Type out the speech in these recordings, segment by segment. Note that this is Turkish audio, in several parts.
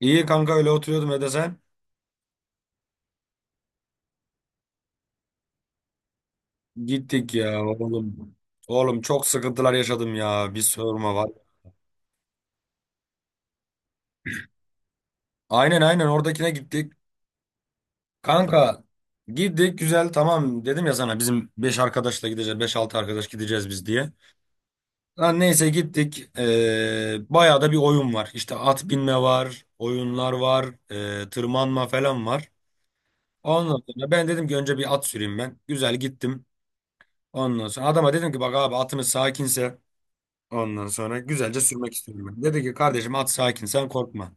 İyi kanka öyle oturuyordum Ede sen. Gittik ya oğlum. Oğlum çok sıkıntılar yaşadım ya. Bir sorma var. Aynen aynen oradakine gittik. Kanka gittik güzel tamam dedim ya sana bizim 5 arkadaşla gideceğiz. Beş altı arkadaş gideceğiz biz diye. Lan neyse gittik. Bayağı da bir oyun var. İşte at binme var. Oyunlar var. Tırmanma falan var. Ondan sonra ben dedim ki önce bir at süreyim ben. Güzel gittim. Ondan sonra adama dedim ki bak abi atınız sakinse. Ondan sonra güzelce sürmek istiyorum ben. Dedi ki kardeşim at sakin sen korkma.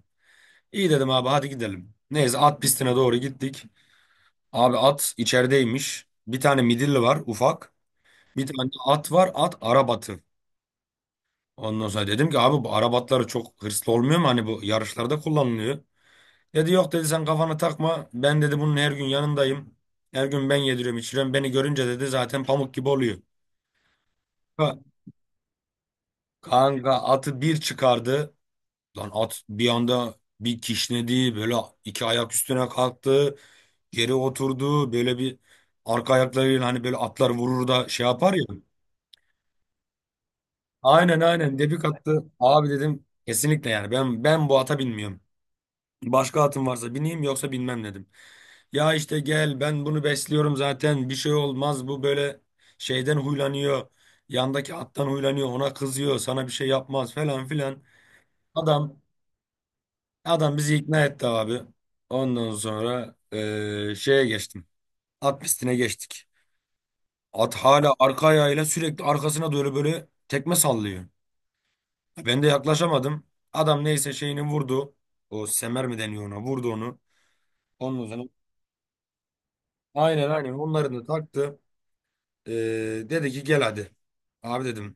İyi dedim abi hadi gidelim. Neyse at pistine doğru gittik. Abi at içerideymiş. Bir tane midilli var ufak. Bir tane at var at arabatı. Ondan sonra dedim ki abi bu arabatları çok hırslı olmuyor mu? Hani bu yarışlarda kullanılıyor. Dedi yok dedi sen kafana takma. Ben dedi bunun her gün yanındayım. Her gün ben yediriyorum içiriyorum. Beni görünce dedi zaten pamuk gibi oluyor. Ka- Kanka atı bir çıkardı. Lan at bir anda bir kişnedi böyle, iki ayak üstüne kalktı, geri oturdu böyle bir arka ayaklarıyla, hani böyle atlar vurur da şey yapar ya. Aynen aynen debik attı. Abi dedim kesinlikle yani ben bu ata binmiyorum. Başka atım varsa bineyim yoksa binmem dedim. Ya işte gel ben bunu besliyorum zaten bir şey olmaz bu böyle şeyden huylanıyor. Yandaki attan huylanıyor, ona kızıyor, sana bir şey yapmaz falan filan. Adam Adam bizi ikna etti abi. Ondan sonra şeye geçtim. At pistine geçtik. At hala arka ayağıyla sürekli arkasına doğru böyle tekme sallıyor. Ben de yaklaşamadım. Adam neyse şeyini vurdu. O semer mi deniyor ona? Vurdu onu. Ondan sonra aynen aynen onların da taktı. Eee, Dedi ki gel hadi. Abi dedim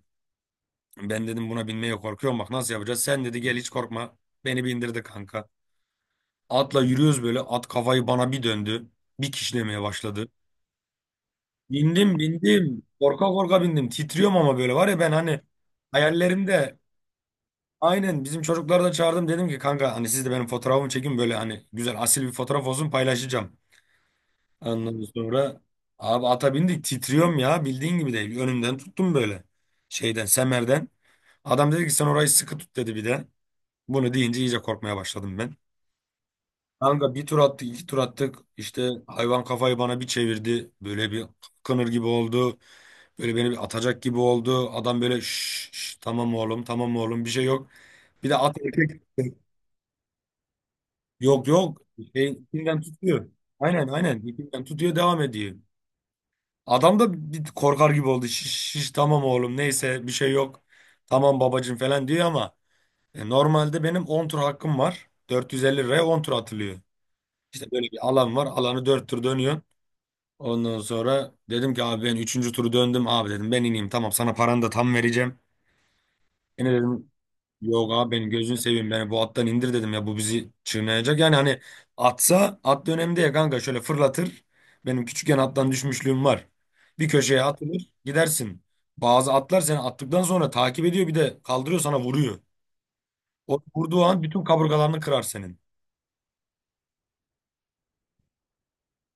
ben dedim buna binmeye korkuyorum, bak nasıl yapacağız? Sen dedi gel hiç korkma. Beni bindirdi kanka. Atla yürüyoruz böyle. At kafayı bana bir döndü. Bir kişilemeye başladı. Bindim bindim. Korka korka bindim. Titriyorum ama böyle var ya ben hani hayallerimde aynen, bizim çocukları da çağırdım, dedim ki kanka hani siz de benim fotoğrafımı çekin böyle, hani güzel asil bir fotoğraf olsun paylaşacağım. Ondan sonra abi ata bindik titriyorum ya, bildiğin gibi değil. Önümden tuttum böyle şeyden, semerden. Adam dedi ki sen orayı sıkı tut dedi bir de. Bunu deyince iyice korkmaya başladım ben. Kanka bir tur attık, iki tur attık. İşte hayvan kafayı bana bir çevirdi. Böyle bir kınır gibi oldu. Böyle beni bir atacak gibi oldu. Adam böyle şş, şş, tamam oğlum, tamam oğlum bir şey yok. Bir de at erkek. Yok yok. Şey, ipinden tutuyor. Aynen aynen. İpinden tutuyor, devam ediyor. Adam da bir korkar gibi oldu. Şiş, şiş, tamam oğlum neyse bir şey yok. Tamam babacığım falan diyor ama normalde benim 10 tur hakkım var. 450 liraya 10 tur atılıyor. İşte böyle bir alan var. Alanı 4 tur dönüyor. Ondan sonra dedim ki abi ben 3. turu döndüm. Abi dedim ben ineyim tamam, sana paranı da tam vereceğim. Yine dedim yok abi benim gözünü seveyim beni bu attan indir dedim ya, bu bizi çiğneyecek. Yani hani atsa at dönemde ya kanka şöyle fırlatır. Benim küçükken attan düşmüşlüğüm var. Bir köşeye atılır gidersin. Bazı atlar seni attıktan sonra takip ediyor bir de, kaldırıyor sana vuruyor. O vurduğu an bütün kaburgalarını kırar senin.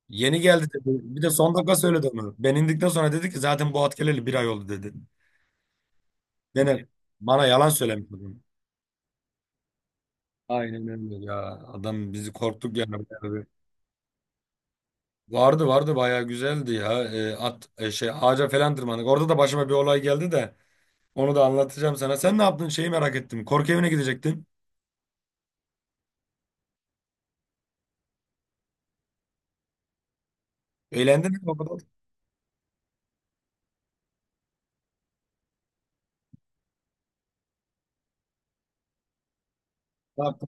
Yeni geldi dedi. Bir de son dakika söyledi onu. Ben indikten sonra dedi ki zaten bu at geleli bir ay oldu dedi. Dene, bana yalan söylemiş adam. Aynen öyle ya. Adam bizi, korktuk yani. Bayağı bir. Vardı vardı, bayağı güzeldi ya. At şey, ağaca falan tırmandık. Orada da başıma bir olay geldi, de onu da anlatacağım sana. Sen ne yaptın? Şeyi merak ettim. Korku evine gidecektin. Eğlendin mi o kadar? Ne yaptın?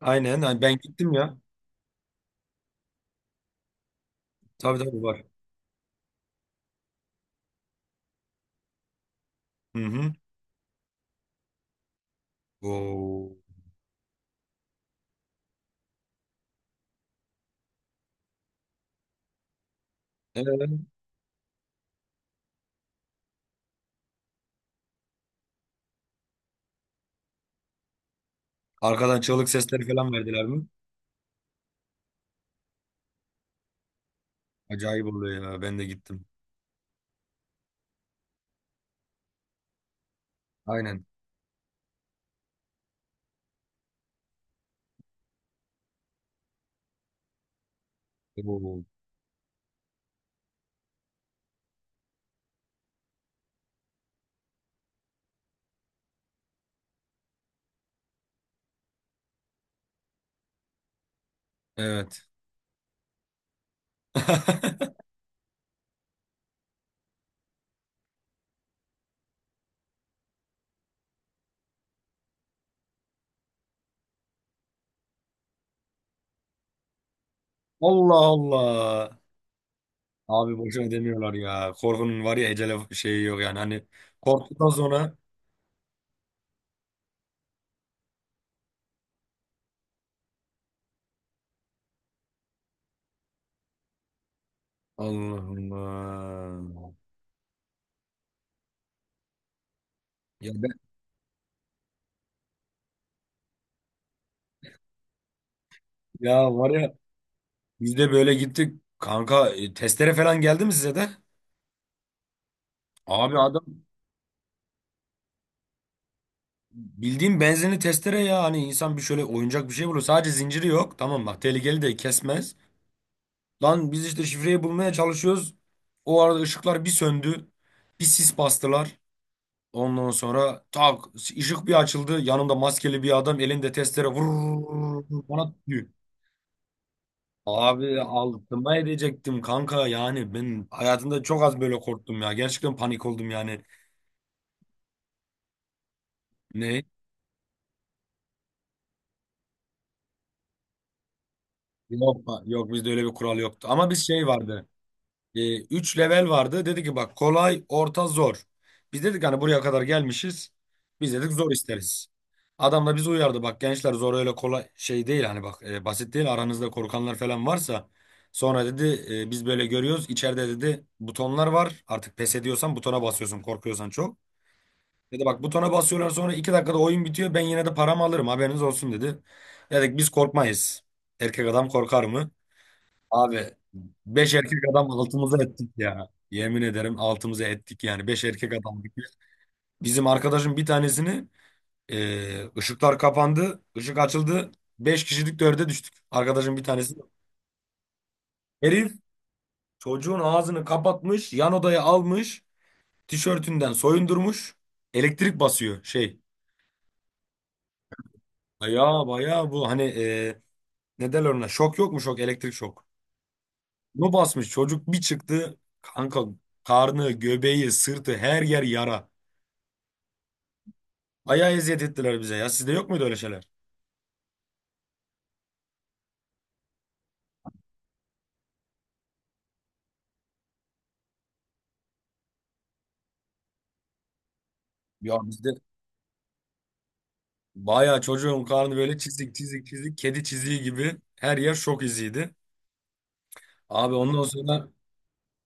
Aynen. Hani ben gittim ya. Tabii tabii var. Hı hı. Oo. Evet. Arkadan çığlık sesleri falan verdiler mi? Acayip oluyor ya. Ben de gittim. Aynen. Oo. Evet. Allah Allah. Abi boşuna demiyorlar ya. Korkunun var ya ecele şeyi yok yani. Hani korktuktan sonra. Allah Allah. Ya, ben, ya var ya, biz de böyle gittik. Kanka testere falan geldi mi size de? Abi adam bildiğin benzinli testere ya. Hani insan bir şöyle oyuncak bir şey bulur. Sadece zinciri yok. Tamam bak tehlikeli, de kesmez. Lan biz işte şifreyi bulmaya çalışıyoruz. O arada ışıklar bir söndü. Bir sis bastılar. Ondan sonra tak ışık bir açıldı. Yanımda maskeli bir adam, elinde testere, vurur bana diyor. Abi altıma edecektim kanka, yani ben hayatımda çok az böyle korktum ya. Gerçekten panik oldum yani. Ne? Yok, yok, bizde öyle bir kural yoktu. Ama bir şey vardı. 3 level vardı. Dedi ki bak kolay, orta, zor. Biz dedik hani buraya kadar gelmişiz. Biz dedik zor isteriz. Adam da bizi uyardı. Bak gençler zor öyle kolay şey değil, hani bak basit değil. Aranızda korkanlar falan varsa, sonra dedi biz böyle görüyoruz. İçeride dedi butonlar var. Artık pes ediyorsan butona basıyorsun, korkuyorsan çok. Dedi bak butona basıyorlar sonra 2 dakikada oyun bitiyor. Ben yine de paramı alırım haberiniz olsun dedi. Dedik biz korkmayız. Erkek adam korkar mı? Abi beş erkek adam altımıza ettik ya. Yemin ederim altımıza ettik yani. Beş erkek adam. Bizim arkadaşın bir tanesini ışıklar kapandı. Işık açıldı. Beş kişilik dörde düştük. Arkadaşın bir tanesi. Herif çocuğun ağzını kapatmış. Yan odaya almış. Tişörtünden soyundurmuş. Elektrik basıyor şey. Baya baya bu hani ne derler ona? Şok, yok mu şok? Elektrik şok. Bunu basmış. Çocuk bir çıktı. Kanka karnı, göbeği, sırtı her yer yara. Bayağı eziyet ettiler bize ya. Sizde yok muydu öyle şeyler? Ya bizde bayağı, çocuğun karnı böyle çizik çizik çizik, kedi çiziği gibi her yer şok iziydi. Abi ondan sonra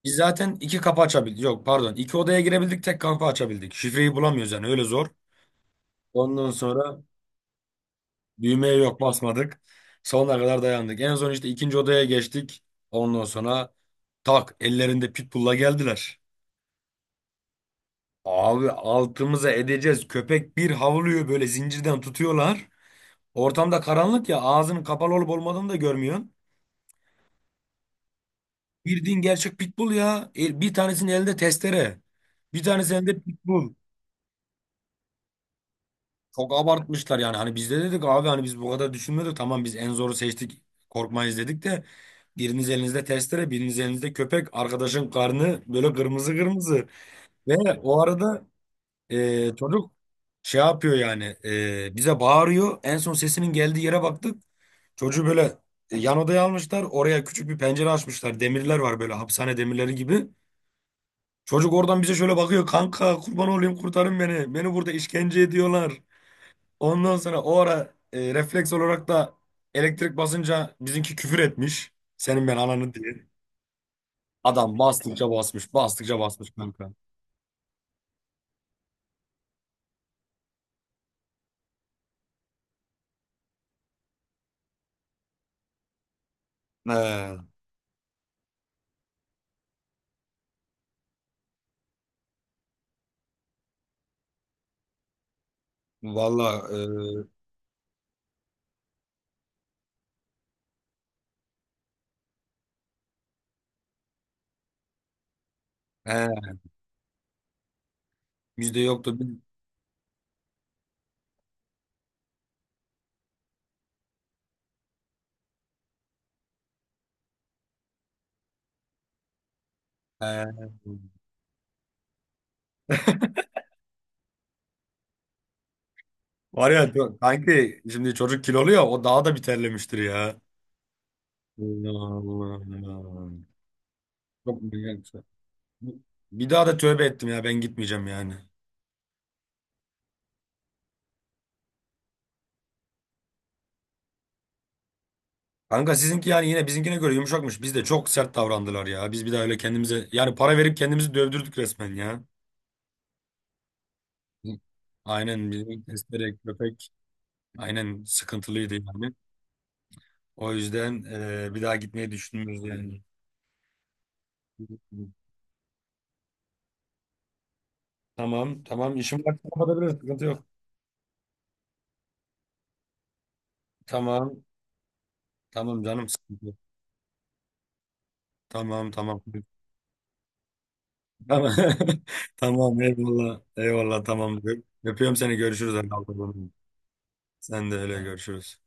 biz zaten iki kapı açabildik. Yok pardon, iki odaya girebildik tek kapı açabildik. Şifreyi bulamıyoruz yani öyle zor. Ondan sonra düğmeye yok basmadık. Sonuna kadar dayandık. En son işte ikinci odaya geçtik. Ondan sonra tak ellerinde pitbull'la geldiler. Abi altımıza edeceğiz. Köpek bir havlıyor böyle, zincirden tutuyorlar. Ortamda karanlık ya, ağzının kapalı olup olmadığını da görmüyorsun. Bildiğin gerçek pitbull ya. Bir tanesinin elinde testere. Bir tanesinin elinde pitbull. Çok abartmışlar yani. Hani biz de dedik abi hani biz bu kadar düşünmedik. Tamam biz en zoru seçtik. Korkmayız dedik de. Biriniz elinizde testere, biriniz elinizde köpek. Arkadaşın karnı böyle kırmızı kırmızı. Ve o arada çocuk şey yapıyor yani. E, bize bağırıyor. En son sesinin geldiği yere baktık. Çocuğu böyle yan odaya almışlar. Oraya küçük bir pencere açmışlar. Demirler var böyle, hapishane demirleri gibi. Çocuk oradan bize şöyle bakıyor. Kanka kurban olayım kurtarın beni. Beni burada işkence ediyorlar. Ondan sonra o ara refleks olarak da elektrik basınca bizimki küfür etmiş. Senin ben ananı diye. Adam bastıkça basmış. Bastıkça basmış kanka. He, Valla e, he, bizde yoktu. He. Var ya kanki, şimdi çocuk kilolu ya, o daha da bir terlemiştir ya. Allah Allah. Çok manyak bir şey. Bir daha da tövbe ettim ya, ben gitmeyeceğim yani. Kanka sizinki yani yine bizimkine göre yumuşakmış. Biz de çok sert davrandılar ya. Biz bir daha öyle kendimize yani para verip kendimizi dövdürdük resmen ya. Aynen bizim testere, köpek aynen sıkıntılıydı yani. O yüzden bir daha gitmeyi düşünmüyoruz yani. Tamam tamam işim var kapatabiliriz sıkıntı yok. Tamam tamam canım sıkıntı yok. Tamam tamam. Tamam. Tamam eyvallah. Eyvallah tamam. Öpüyorum seni, görüşürüz. Sen de öyle, görüşürüz.